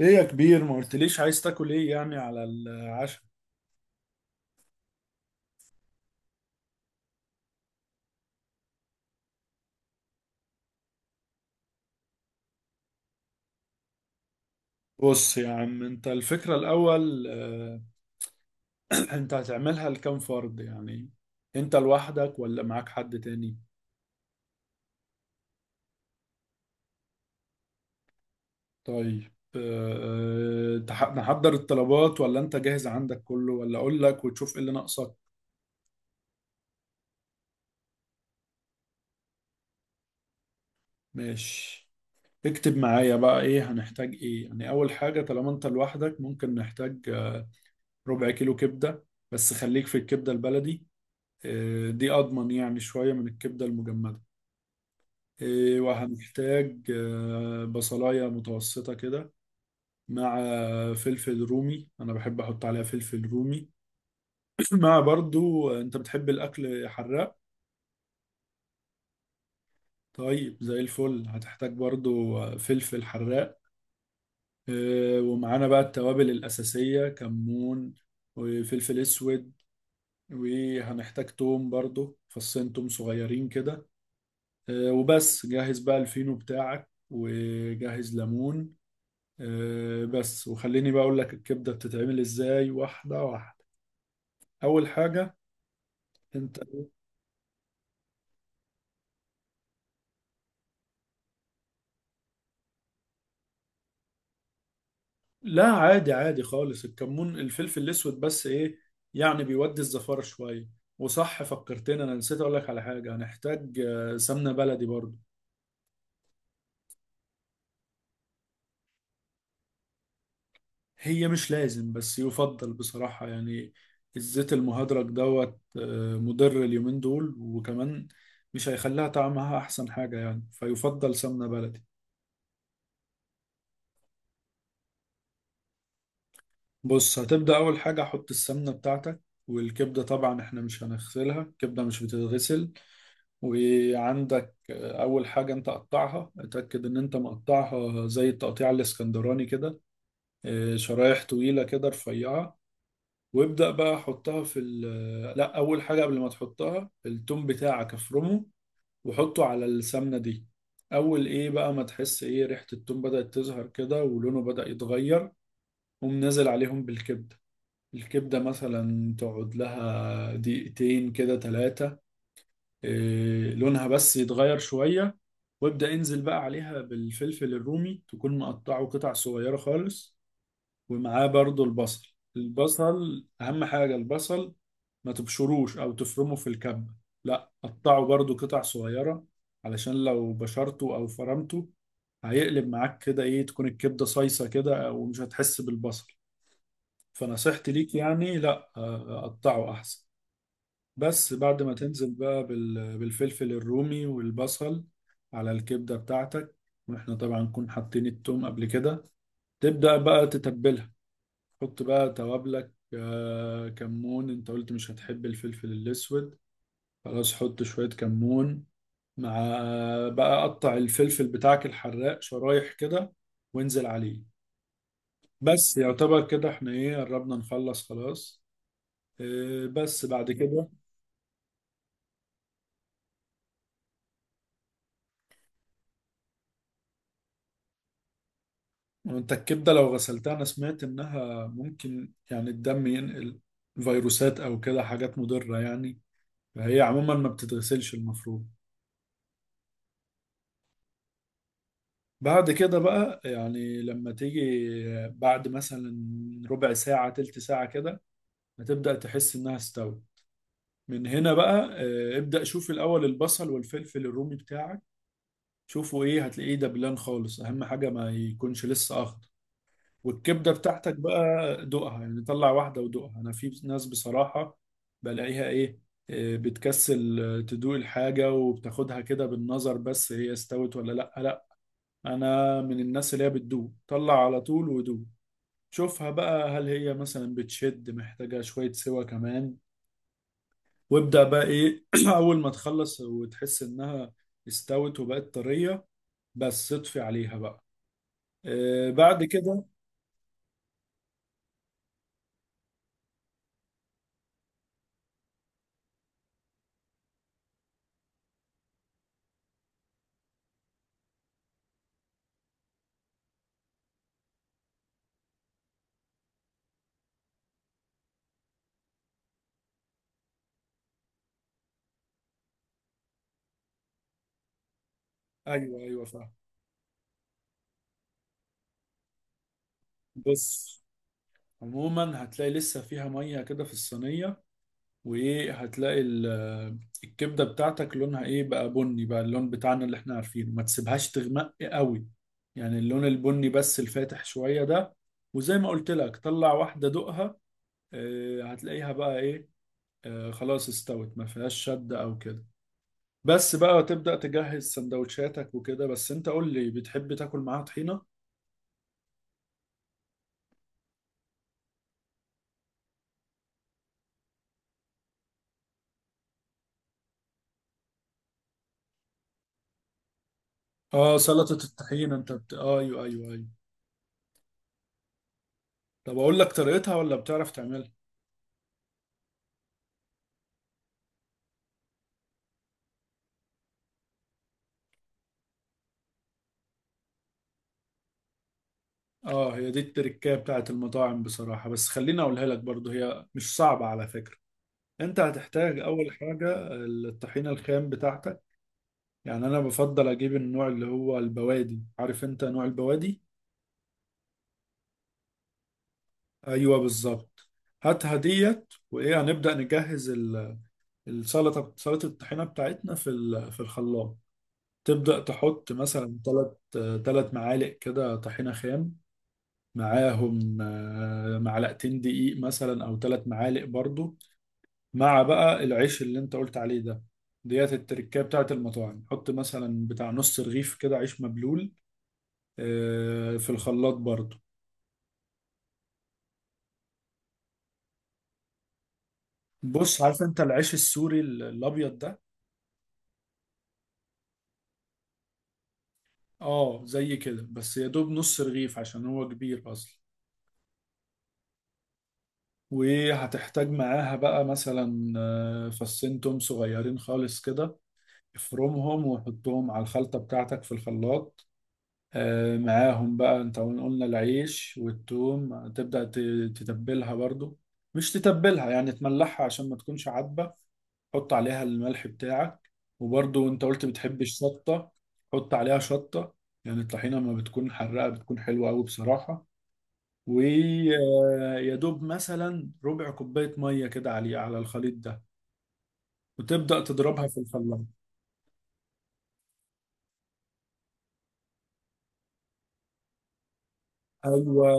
ايه يا كبير، ما قلتليش عايز تاكل ايه يعني على العشاء؟ بص يا عم، انت الفكرة الاول انت هتعملها لكام فرد يعني؟ انت لوحدك ولا معاك حد تاني؟ طيب، نحضر الطلبات ولا انت جاهز عندك كله، ولا اقول لك وتشوف ايه اللي ناقصك؟ ماشي. اكتب معايا بقى، ايه هنحتاج؟ ايه يعني اول حاجة طالما انت لوحدك؟ ممكن نحتاج ربع كيلو كبدة. بس خليك في الكبدة البلدي. دي اضمن يعني، شوية من الكبدة المجمدة. إيه، وهنحتاج بصلاية متوسطة كده. مع فلفل رومي، أنا بحب أحط عليها فلفل رومي. مع برضو. أنت بتحب الأكل حراق؟ طيب زي الفل. هتحتاج برضو فلفل حراق. ومعانا بقى التوابل الأساسية، كمون وفلفل أسود. وهنحتاج توم برضو، فصين توم صغيرين كده. وبس، جهز بقى الفينو بتاعك وجهز ليمون. بس، وخليني بقى اقول لك الكبده بتتعمل ازاي، واحده واحده. اول حاجه، انت لا عادي، عادي خالص، الكمون الفلفل الاسود بس، ايه، يعني بيودي الزفاره شويه. وصح، فكرتني، انا نسيت اقول لك على حاجه. هنحتاج سمنه بلدي برضو. هي مش لازم، بس يفضل بصراحه يعني. الزيت المهدرج دوت مضر اليومين دول، وكمان مش هيخليها طعمها احسن حاجه يعني، فيفضل سمنه بلدي. بص، هتبدأ أول حاجة، حط السمنة بتاعتك. والكبدة طبعا احنا مش هنغسلها، الكبدة مش بتتغسل. وعندك أول حاجة أنت قطعها، اتأكد إن أنت مقطعها زي التقطيع الإسكندراني كده. شرايح طويلة كده، رفيعة. وابدأ بقى حطها في ال، لأ، أول حاجة قبل ما تحطها، التوم بتاعك افرمه وحطه على السمنة دي. أول إيه بقى ما تحس إيه ريحة التوم بدأت تظهر كده ولونه بدأ يتغير، قوم نازل عليهم بالكبدة. الكبدة مثلا تقعد لها دقيقتين كده، ثلاثة. لونها بس يتغير شوية، وابدأ انزل بقى عليها بالفلفل الرومي، تكون مقطعه قطع صغيرة خالص. ومعاه برضو البصل. البصل أهم حاجة، البصل ما تبشروش أو تفرمه في الكبة. لا، قطعه برضو قطع صغيرة، علشان لو بشرته أو فرمته هيقلب معاك كده، ايه، تكون الكبدة صيصة كده ومش هتحس بالبصل. فنصيحتي ليك يعني لا، قطعه احسن. بس بعد ما تنزل بقى بالفلفل الرومي والبصل على الكبدة بتاعتك، واحنا طبعا نكون حاطين التوم قبل كده، تبدأ بقى تتبلها. حط بقى توابلك، كمون. انت قلت مش هتحب الفلفل الاسود، خلاص، حط شوية كمون مع بقى قطع الفلفل بتاعك الحراق شرايح كده، وانزل عليه. بس يعتبر كده احنا ايه قربنا نخلص خلاص. إيه، بس بعد كده، انت الكبده لو غسلتها، انا سمعت انها ممكن يعني الدم ينقل فيروسات او كده، حاجات مضره يعني. فهي عموما ما بتتغسلش المفروض. بعد كده بقى يعني، لما تيجي بعد مثلا ربع ساعه، تلت ساعه كده، هتبدا تحس انها استوت. من هنا بقى إيه، ابدا شوف الاول البصل والفلفل الرومي بتاعك، شوفوا ايه، هتلاقيه دبلان خالص. اهم حاجه ما يكونش لسه اخضر. والكبدة بتاعتك بقى دوقها يعني، طلع واحدة ودوقها. أنا في ناس بصراحة بلاقيها إيه، إيه، بتكسل تدوق الحاجة، وبتاخدها كده بالنظر، بس هي استوت ولا لأ. لأ، أنا من الناس اللي هي بتدوق، طلع على طول ودوق. شوفها بقى، هل هي مثلا بتشد محتاجة شوية سوا كمان. وابدأ بقى إيه، أول ما تخلص وتحس إنها استوت وبقت طرية، بس اطفي عليها بقى. إيه، بعد كده. أيوه أيوه، فاهم. بص، عموما هتلاقي لسه فيها ميه كده في الصينيه، وايه، هتلاقي الكبده بتاعتك لونها ايه بقى، بني بقى، اللون بتاعنا اللي احنا عارفينه. ما تسيبهاش تغمق قوي، يعني اللون البني بس الفاتح شويه ده. وزي ما قلت لك، طلع واحده دقها، هتلاقيها بقى ايه، خلاص، استوت ما فيهاش شد او كده. بس بقى تبدأ تجهز سندوتشاتك وكده. بس انت قول لي، بتحب تاكل معاها طحينة؟ اه، سلطة الطحينة. انت بت... آه، ايوه ايوه ايوه. طب اقول لك طريقتها ولا بتعرف تعملها؟ اه، هي دي التركية بتاعت المطاعم بصراحة، بس خليني اقولها لك برضو، هي مش صعبة على فكرة. انت هتحتاج اول حاجة، الطحينة الخام بتاعتك. يعني انا بفضل اجيب النوع اللي هو البوادي، عارف انت نوع البوادي؟ ايوه، بالظبط. هاتها ديت، وايه هنبدأ نجهز السلطة، سلطة الطحينة بتاعتنا في الخلاط. تبدأ تحط مثلا ثلاث معالق كده طحينة خام، معاهم معلقتين دقيق مثلا، او ثلاث معالق برضو، مع بقى العيش اللي انت قلت عليه ده، ديت التركية بتاعت المطاعم. حط مثلا بتاع نص رغيف كده عيش مبلول، في الخلاط برضو. بص، عارف انت العيش السوري الابيض ده؟ اه، زي كده، بس يا دوب نص رغيف عشان هو كبير اصلا. وهتحتاج معاها بقى مثلا فصين توم صغيرين خالص كده، افرمهم وحطهم على الخلطة بتاعتك في الخلاط. معاهم بقى انت، قلنا العيش والثوم، تبدأ تتبلها برضو. مش تتبلها يعني، تملحها عشان ما تكونش عدبة. حط عليها الملح بتاعك، وبرضو انت قلت بتحب الشطة، حط عليها شطة. يعني الطحينة ما بتكون حراقة، بتكون حلوة قوي بصراحة. ويا دوب مثلا ربع كوباية مية كده عليه، على الخليط ده، وتبدأ تضربها في الخلاط. ايوه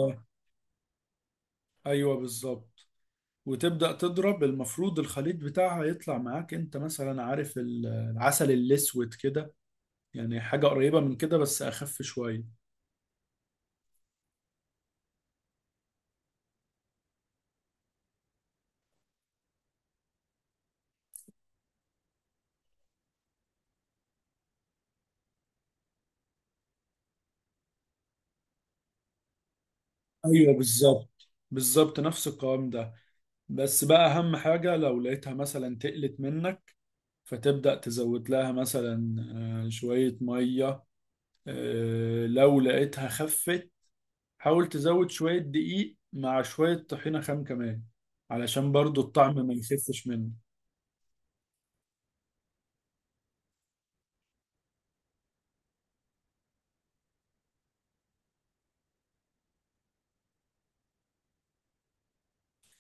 ايوه، بالظبط. وتبدأ تضرب، المفروض الخليط بتاعها يطلع معاك، انت مثلا عارف العسل الأسود كده؟ يعني حاجة قريبة من كده، بس أخف شوية. ايوه، بالظبط بالظبط، نفس القوام ده. بس بقى أهم حاجة، لو لقيتها مثلا تقلت منك، فتبدأ تزود لها مثلا شوية مية. لو لقيتها خفت، حاول تزود شوية دقيق مع شوية طحينة خام كمان، علشان برضو الطعم ما يخفش منك.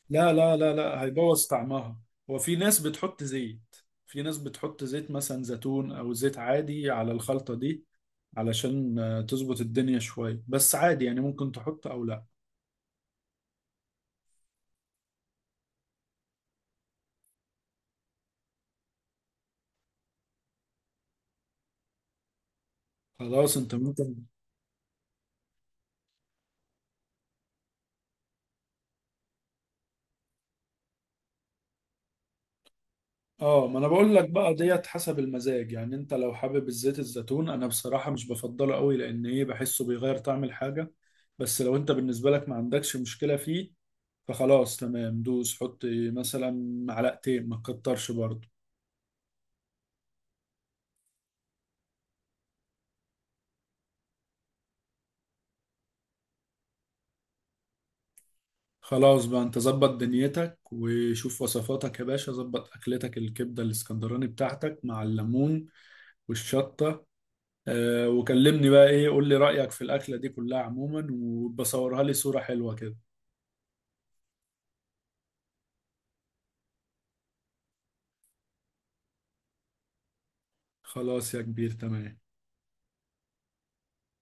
لا لا لا لا، هيبوظ طعمها. هو في ناس بتحط زيت، في ناس بتحط زيت مثلا زيتون او زيت عادي على الخلطة دي، علشان تظبط الدنيا شوية، بس عادي يعني، ممكن تحط او لا. خلاص، انت ممكن. اه، ما انا بقول لك بقى ديت حسب المزاج يعني، انت لو حابب الزيت الزيتون، انا بصراحة مش بفضله قوي، لان ايه، بحسه بيغير طعم الحاجة. بس لو انت بالنسبة لك ما عندكش مشكلة فيه، فخلاص تمام، دوس حط مثلا معلقتين، ما تكترش برضه. خلاص بقى، انت ظبط دنيتك وشوف وصفاتك يا باشا، ظبط اكلتك الكبده الاسكندراني بتاعتك مع الليمون والشطه. وكلمني بقى، ايه، قول لي رايك في الاكله دي كلها عموما، وبصورها لي صوره حلوه كده. خلاص يا كبير، تمام.